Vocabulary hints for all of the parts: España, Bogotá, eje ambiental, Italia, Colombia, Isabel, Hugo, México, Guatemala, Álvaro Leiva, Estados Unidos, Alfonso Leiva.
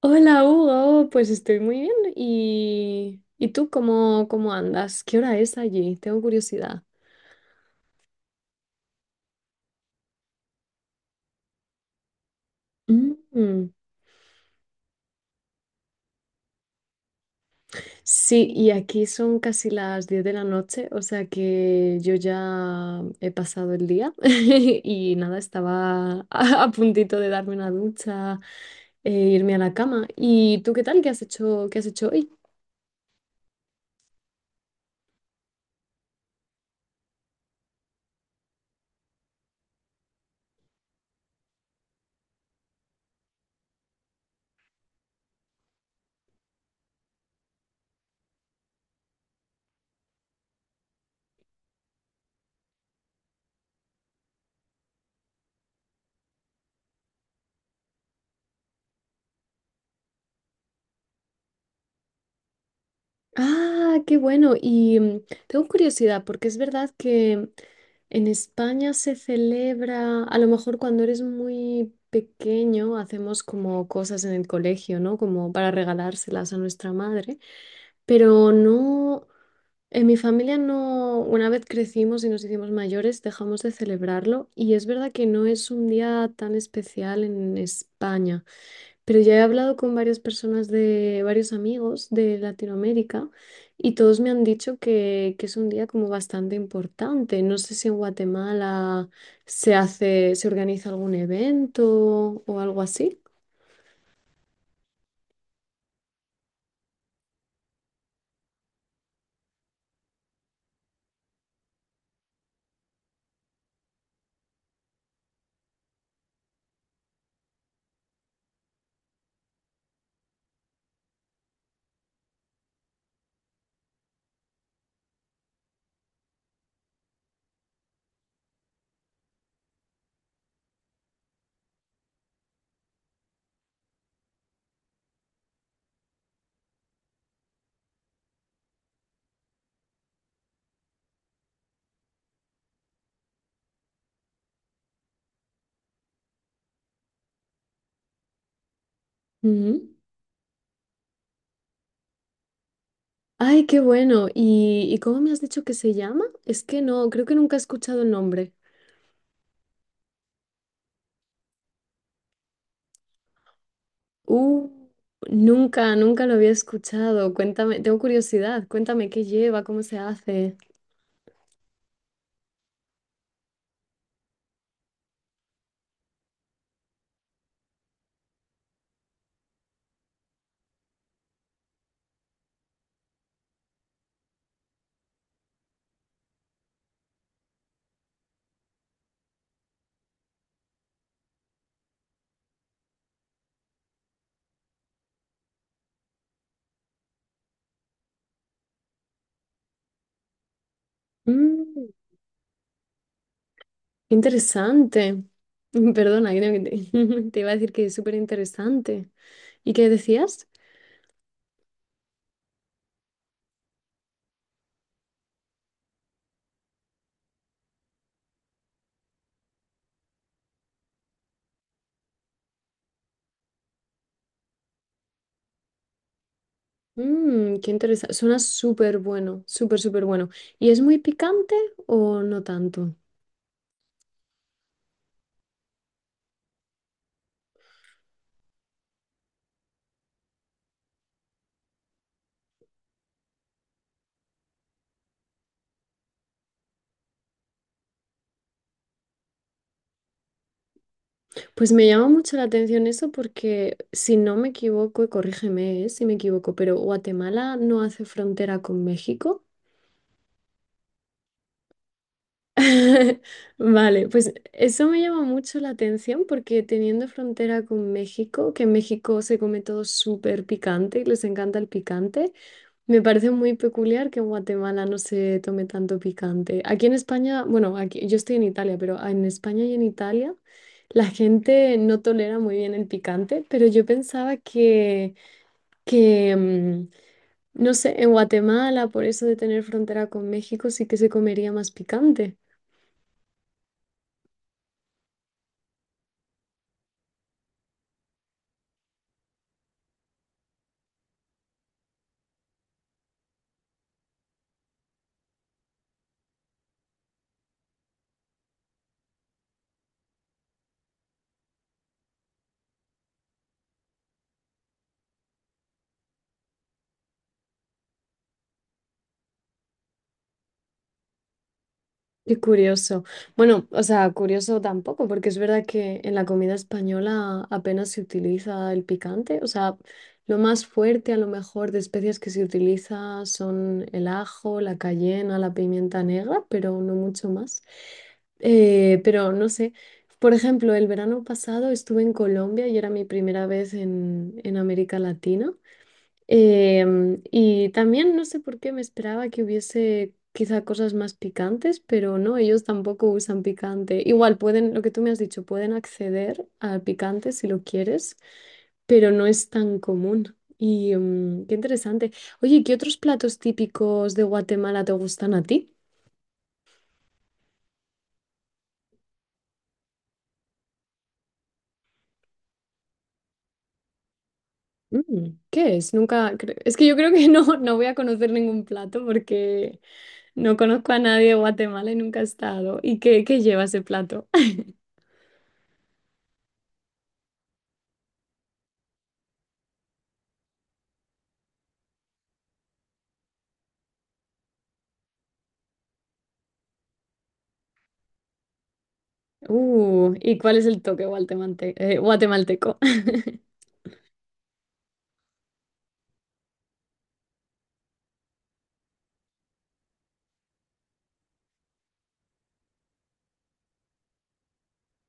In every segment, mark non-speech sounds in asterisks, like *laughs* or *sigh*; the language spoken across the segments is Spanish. Hola Hugo, pues estoy muy bien. ¿Y tú cómo andas? ¿Qué hora es allí? Tengo curiosidad. Mm. Sí, y aquí son casi las 10 de la noche, o sea que yo ya he pasado el día *laughs* y nada, estaba *laughs* a puntito de darme una ducha e irme a la cama. ¿Y tú qué tal? ¿Qué has hecho? Ah, qué bueno. Y tengo curiosidad, porque es verdad que en España se celebra, a lo mejor cuando eres muy pequeño, hacemos como cosas en el colegio, ¿no? Como para regalárselas a nuestra madre. Pero no, en mi familia no, una vez crecimos y nos hicimos mayores, dejamos de celebrarlo. Y es verdad que no es un día tan especial en España. Pero ya he hablado con varias personas de varios amigos de Latinoamérica y todos me han dicho que es un día como bastante importante. No sé si en Guatemala se hace, se organiza algún evento o algo así. Ujú. Ay, qué bueno. Y cómo me has dicho que se llama? Es que no, creo que nunca he escuchado el nombre. Uh, nunca, nunca lo había escuchado. Cuéntame, tengo curiosidad. Cuéntame qué lleva, cómo se hace. Mm. Qué interesante. *laughs* Perdona, creo que te, *laughs* te iba a decir que es súper interesante. ¿Y qué decías? Qué interesante. Suena súper bueno, súper, súper bueno. ¿Y es muy picante o no tanto? Pues me llama mucho la atención eso porque, si no me equivoco, y corrígeme, si me equivoco, pero Guatemala no hace frontera con México. *laughs* Vale, pues eso me llama mucho la atención porque teniendo frontera con México, que en México se come todo súper picante y les encanta el picante, me parece muy peculiar que en Guatemala no se tome tanto picante. Aquí en España, bueno, aquí, yo estoy en Italia, pero en España y en Italia la gente no tolera muy bien el picante, pero yo pensaba que, que, mm, no sé, en Guatemala, por eso de tener frontera con México, sí que se comería más picante. Qué curioso. Bueno, o sea, curioso tampoco, porque es verdad que en la comida española apenas se utiliza el picante. O sea, lo más fuerte a lo mejor de especias que se utiliza son el ajo, la cayena, la pimienta negra, pero no mucho más. Pero no sé, por ejemplo, el verano pasado estuve en Colombia y era mi primera vez en América Latina. Y también no sé por qué me esperaba que hubiese quizá cosas más picantes, pero no, ellos tampoco usan picante. Igual pueden, lo que tú me has dicho, pueden acceder al picante si lo quieres, pero no es tan común. Y qué interesante. Oye, ¿qué otros platos típicos de Guatemala te gustan a ti? Mm, ¿qué es? Nunca, es que yo creo que *laughs* no, no voy a conocer ningún plato porque no conozco a nadie de Guatemala y nunca he estado. ¿Y qué, qué lleva ese plato? ¿Y cuál es el toque guatemalteco? *laughs*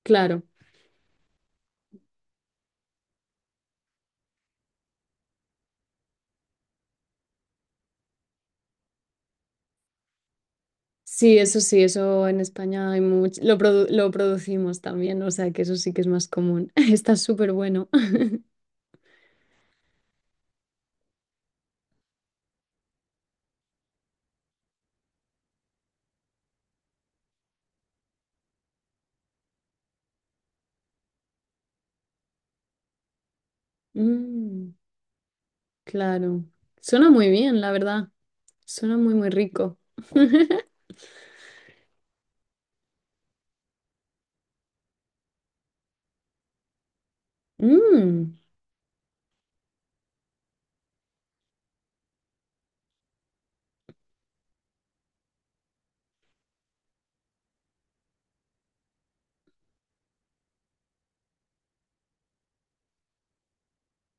Claro. Sí, eso en España hay mucho. Lo, lo producimos también, o sea que eso sí que es más común. *laughs* Está súper bueno. *laughs* Mm, claro. Suena muy bien, la verdad. Suena muy, muy rico. *laughs* Mm.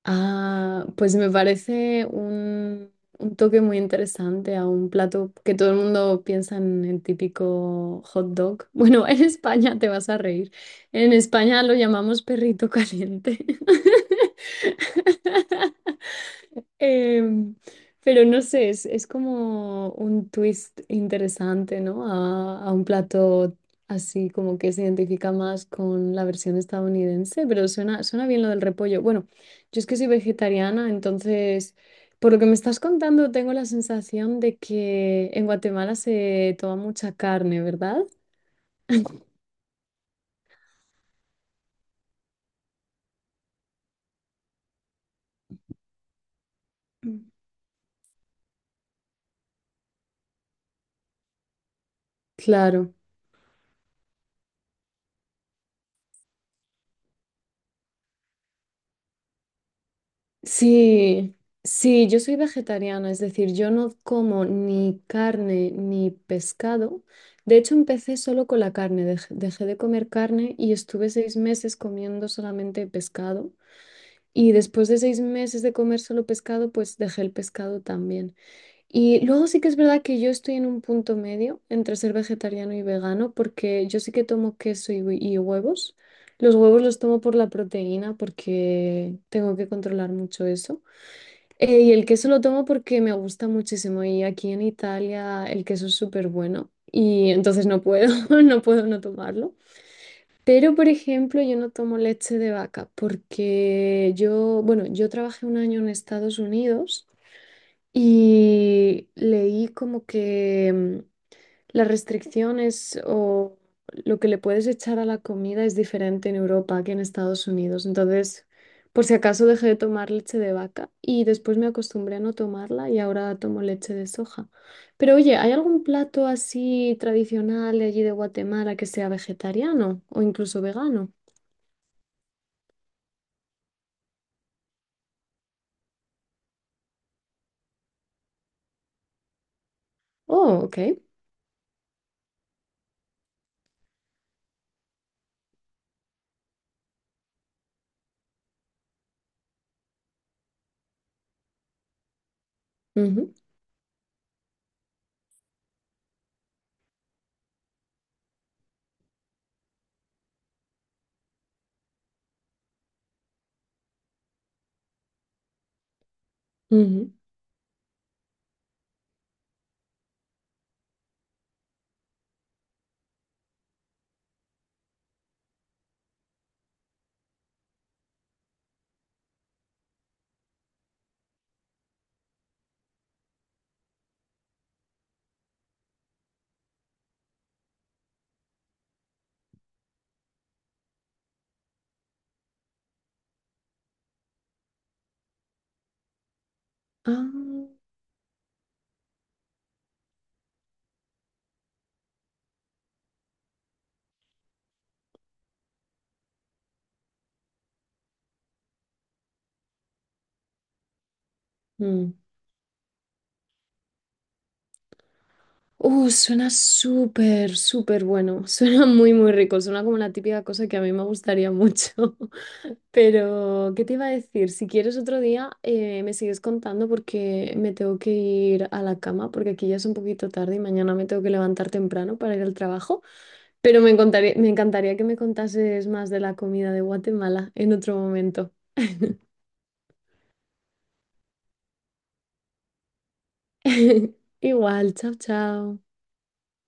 Ah, pues me parece un toque muy interesante a un plato que todo el mundo piensa en el típico hot dog. *laughs* Bueno, en España te vas a reír. En España lo llamamos perrito caliente. *laughs* Em, pero no sé, es como un twist interesante, ¿no? A un plato así como que se identifica más con la versión estadounidense, pero suena bien lo del repollo. Bueno, yo es que soy vegetariana, entonces, por lo que me estás contando, tengo la sensación de que en Guatemala se toma mucha carne, ¿verdad? Mm. Claro. Sí, sí, yo soy vegetariana, es decir, yo no como ni carne ni pescado. De hecho, empecé solo con la carne, dejé de comer carne y estuve 6 meses comiendo solamente pescado. Y después de 6 meses de comer solo pescado, pues dejé el pescado también. Y luego sí que es verdad que yo estoy en un punto medio entre ser vegetariano y vegano, porque yo sí que tomo queso y y huevos. Los huevos los tomo por la proteína porque tengo que controlar mucho eso. Y el queso lo tomo porque me gusta muchísimo y aquí en Italia el queso es súper bueno y entonces no puedo, *laughs* no puedo no tomarlo. Pero, por ejemplo, yo no tomo leche de vaca porque yo, bueno, yo trabajé un año en Estados Unidos y leí como que las restricciones o lo que le puedes echar a la comida es diferente en Europa que en Estados Unidos. Entonces, por si acaso dejé de tomar leche de vaca y después me acostumbré a no tomarla y ahora tomo leche de soja. Pero oye, ¿hay algún plato así tradicional de allí de Guatemala que sea vegetariano o incluso vegano? Oh, ok. Ujú, ujú. Ah, mm. Suena súper, súper bueno. *laughs* Suena muy, muy rico. Suena como la típica cosa que a mí me gustaría mucho. *laughs* Pero, ¿qué te iba a decir? Si quieres otro día, me sigues contando porque me tengo que ir a la cama, porque aquí ya es un poquito tarde y mañana me tengo que levantar temprano para ir al trabajo. Pero me encantaría que me contases más de la comida de Guatemala en otro momento. *laughs* Igual, chao, chao.